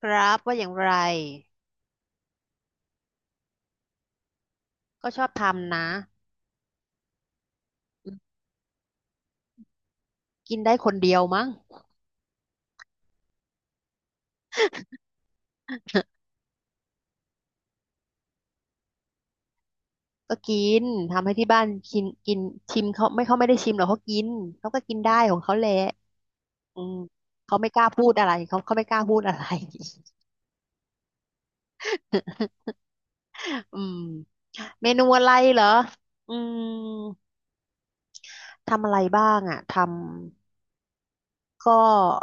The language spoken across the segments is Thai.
ครับว่าอย่างไรก็ชอบทำนะอืมกินได้คนเดียวมั้งก็กินทำให้ที่บ้านกินกินชิมเขาไม่ได้ชิมหรอกเขากินเขาก็กินได้ของเขาแหละอืมเขาไม่กล้าพูดอะไรเขาไม่กล้าพูดอะไร อืมเมนูอะไรเหรออืมทำอะไรบ้างอ่ะทำก็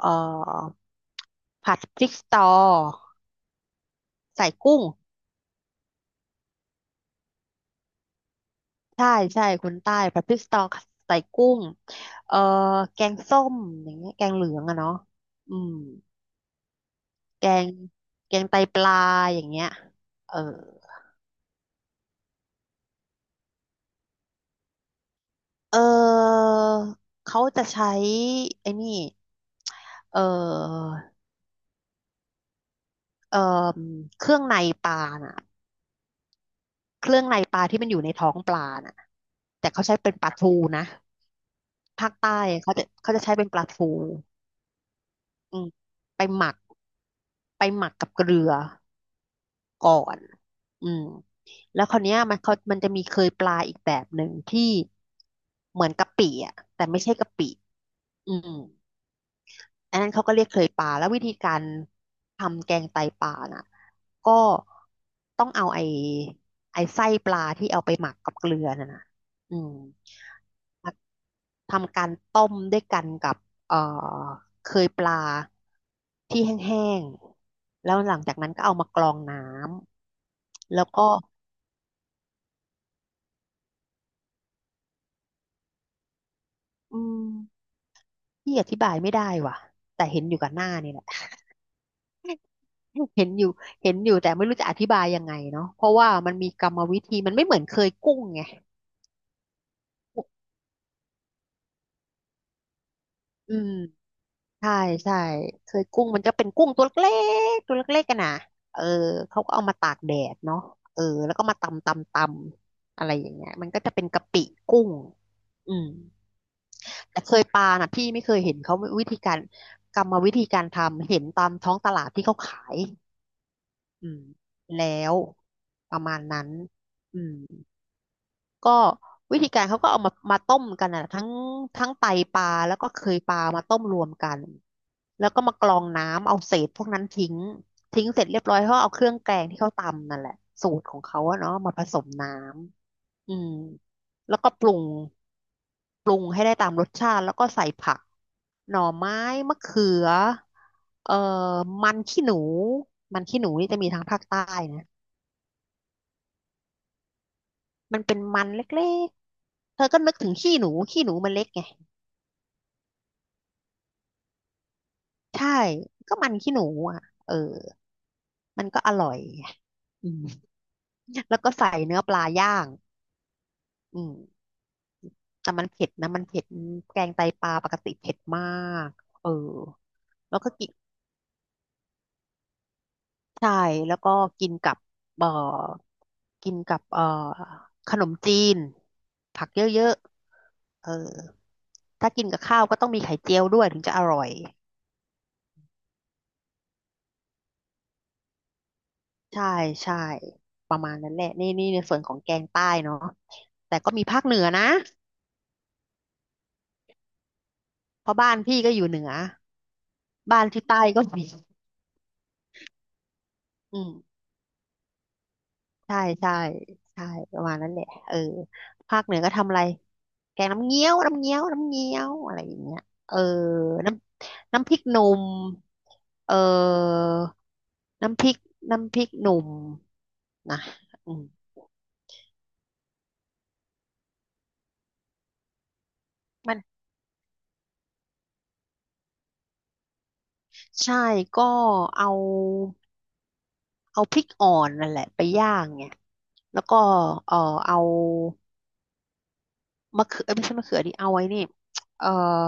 เอ่อผัดพริกสตอใส่กุ้ง ใช่ใช่คนใต้ผัดพริกสตอใส่กุ้งเอ่อแกงส้มอย่างเงี้ยแกงเหลืองอะเนาะอืมแกงแกงไตปลาอย่างเงี้ยเออเออเขาจะใช้ไอ้นี่เออเออเครื่องในปลาน่ะเครื่องในปลาที่มันอยู่ในท้องปลาน่ะแต่เขาใช้เป็นปลาทูนะภาคใต้เขาจะใช้เป็นปลาทูอืมไปหมักไปหมักกับเกลือ ก่อนอืมแล้วคราวเนี้ยมันเขามันจะมีเคยปลาอีกแบบหนึ่งที่เหมือนกะปิอ่ะแต่ไม่ใช่กะปิอืมอันนั้นเขาก็เรียกเคยปลาแล้ววิธีการทำแกงไตปลาน่ะก็ต้องเอาไอ้ไส้ปลาที่เอาไปหมักกับเกลือน่ะนะอืมมาทำการต้มด้วยกันกับเอ่อเคยปลาที่แห้งๆ แล้วหลังจากนั้นก็เอามากรองน้ำแล้วก็ อืมพี่อธิบายไม่ได้ว่ะแต่เห็นอยู่กับหน้านี่แหละ เห็นอยู่เห็นอยู่แต่ไม่รู้จะอธิบายยังไงเนาะเพราะว่ามันมีกรรมวิธีมันไม่เหมือนเคยกุ้งไงอืมใช่ใช่เคยกุ้งมันจะเป็นกุ้งตัวเล็กตัวเล็กๆกันนะเออเขาก็เอามาตากแดดเนาะเออแล้วก็มาตำตำตำอะไรอย่างเงี้ยมันก็จะเป็นกะปิกุ้งอืมแต่เคยปลาน่ะพี่ไม่เคยเห็นเขาวิธีการกรรมวิธีการทำเห็นตามท้องตลาดที่เขาขาย อืมแล้วประมาณนั้นอืมก็วิธีการเขาก็เอามาต้มกันอ่ะทั้งไตปลาแล้วก็เคยปลามาต้มรวมกันแล้วก็มากรองน้ำเอาเศษพวกนั้นทิ้งทิ้งเสร็จเรียบร้อยเขาเอาเครื่องแกงที่เขาตำนั่นแหละสูตรของเขาอะเนาะมาผสมน้ำอืมแล้วก็ปรุงปรุงให้ได้ตามรสชาติแล้วก็ใส่ผักหน่อไม้มะเขือเอ่อมันขี้หนูมันขี้หนูนี่จะมีทางภาคใต้นะ มันเป็นมันเล็กๆเธอก็นึกถึงขี้หนูขี้หนูมันเล็กไงใช่ก็มันขี้หนูอ่ะเออมันก็อร่อยไงอืมแล้วก็ใส่เนื้อปลาย่างอืมแต่มันเผ็ดนะมันเผ็ดแกงไตปลาปกติเผ็ดมากเออแล้วก็กินใช่แล้วก็กินกับเอ่อกินกับขนมจีนผักเยอะๆเออถ้ากินกับข้าวก็ต้องมีไข่เจียวด้วยถึงจะอร่อย ใช่ใช่ประมาณนั้นแหละนี่นี่ในส่วนของแกงใต้เนาะแต่ก็มีภาคเหนือนะเพราะบ้านพี่ก็อยู่เหนือบ้านที่ใต้ก็มีอืมใช่ใช่ใช่ประมาณนั้นแหละเออภาคเหนือก็ทำอะไรแกงน้ำเงี้ยวน้ำเงี้ยวอะไรอย่างเงี้ยเออน้ำน้ำพริกหนุ่มเออน้ำพริกน้ำพริกหนุ่มนะอืมมันใช่ก็เอาเอาพริกอ่อนนั่นแหละไปย่างไง แล้วก็เอ่อเอามะเขือเอ้ยไม่ใช่มะเขือดิเอาไว้นี่เอ่อ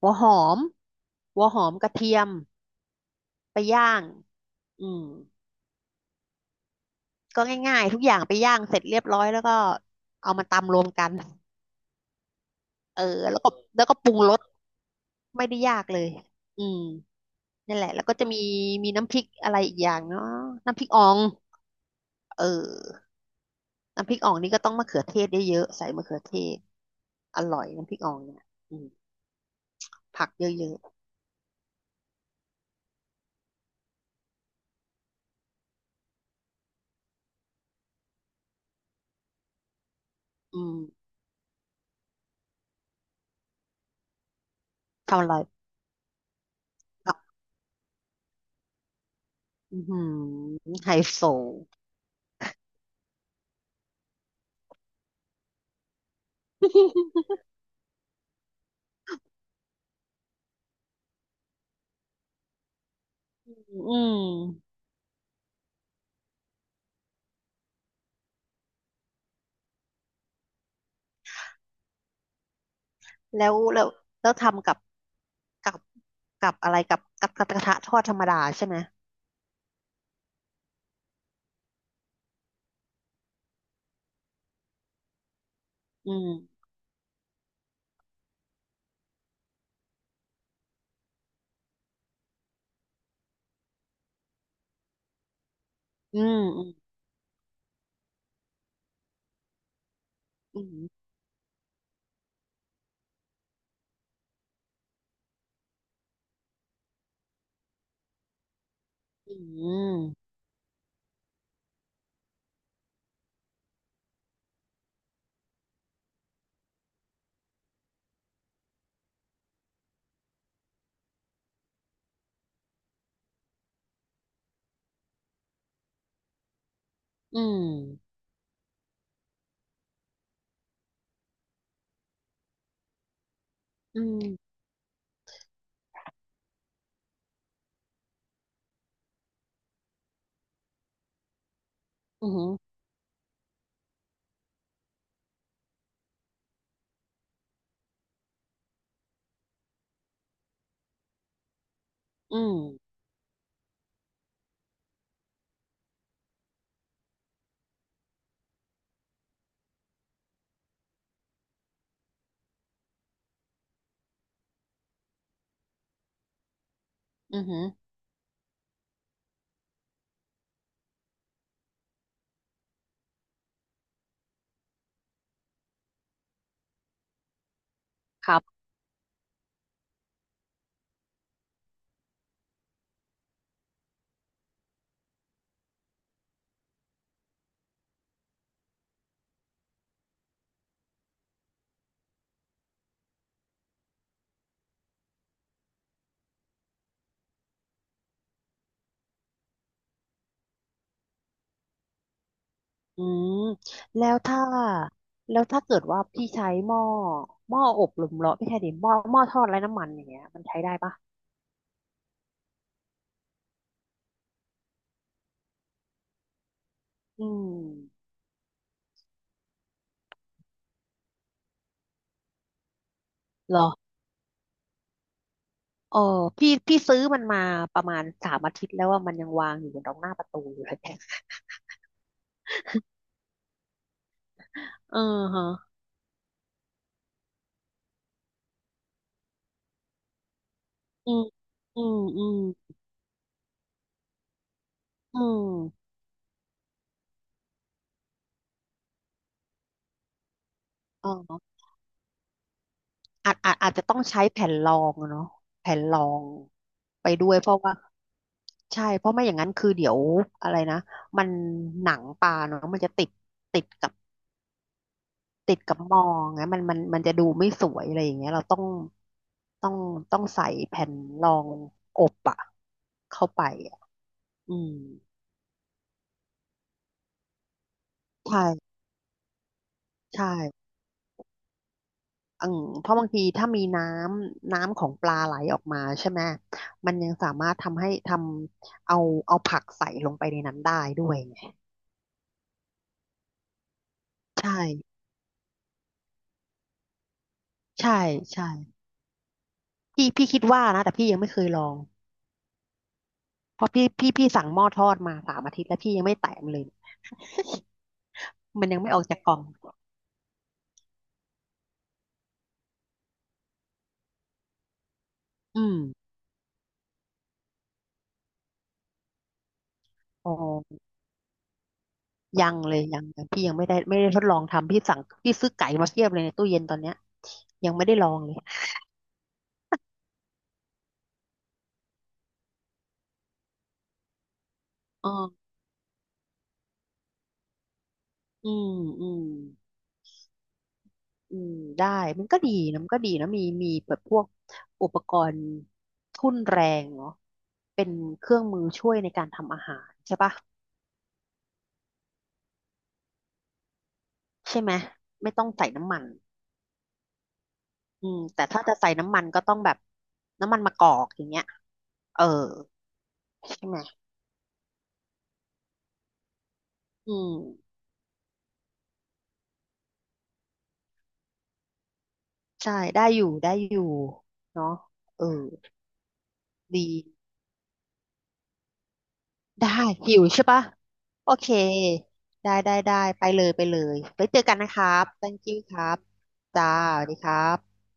หัวหอมหัวหอมกระเทียมไปย่างอืมก็ง่ายๆทุกอย่างไปย่างเสร็จเรียบร้อยแล้วก็เอามาตำรวมกันเออแล้วก็แล้วก็ปรุงรสไม่ได้ยากเลยอืมนั่นแหละแล้วก็จะมีมีน้ำพริกอะไรอีกอย่างเนาะน้ำพริกอ่องเออน้ำพริกอ่องนี่ก็ต้องมะเขือเทศเยอะๆใส่มะเขือเทศอร่อยน้ำพริกอ่องเนี่ยอืมผักเยอะๆอืมทำอร่อย อือหือไฮโซอืมแล้วแล้วแล้วทำกับกับกับอะไรกับกระทะทอดธรรมดาใช่ไหมอืมอืมอืมอืมอืมอืมอืมอืมอืมอืครับอืมแล้วถ้าแล้วถ้าเกิดว่าพี่ใช้หม้อหม้ออบลมร้อนพี่ใช้ดิหม้อหม้อทอดไร้น้ำมันอย่างเงี้ยมันใช้ได้ปะอืมหรอ เออพี่พี่ซื้อมันมาประมาณสามอาทิตย์แล้วว่ามันยังวางอยู่ตรงหน้าประตูอยู่เลยเออฮะอืมอืมอืมอืมอ๋ออาจจะต้องใช้แผ่นรองอะเนาะแผ่นรองไปด้วยเพราะว่าใช่เพราะไม่อย่างนั้นคือเดี๋ยวอะไรนะมันหนังปลาเนาะมันจะติดติดกับติดกับมองไงมันจะดูไม่สวยอะไรอย่างเงี้ยเราต้องต้องใส่แผ่นรองอบอะเข้าไปอะอืมใช่ ใช่อืมเพราะบางทีถ้ามีน้ำน้ำของปลาไหลออกมาใช่ไหมมันยังสามารถทำให้ทำเอาเอาผักใส่ลงไปในนั้นได้ด้วยไงใช่ใช่ ใช่ พี่พี่คิดว่านะแต่พี่ยังไม่เคยลองเพราะพี่สั่งหม้อทอดมาสามอาทิตย์แล้วพี่ยังไม่แตะมันเลยมันยังไม่ออกจากกล่องอืมอ๋อยังเลยยังยังพี่ยังไม่ได้ไม่ได้ทดลองทำพี่สั่งพี่ซื้อไก่มาเทียบเลยในตู้เย็นตอนเนี้ยยังไม่ได้ลองเลยอ๋ออืมอืม อืมได้มันก็ดีนะมันก็ดีนะมีมีแบบพวกอุปกรณ์ทุ่นแรงเนาะเป็นเครื่องมือช่วยในการทำอาหารใช่ปะใช่ไหมไม่ต้องใส่น้ำมันอืมแต่ถ้าจะใส่น้ำมันก็ต้องแบบน้ำมันมะกอกอย่างเงี้ยเออใช่ไหมอืมใช่ได้อยู่ได้อยู่เนาะเออดีได้หิวใช่ปะโอเคได้ได้ได้ไปเลยไปเลยไว้เจอกันนะครับ thank you ครับจ้าสวัสดีครับ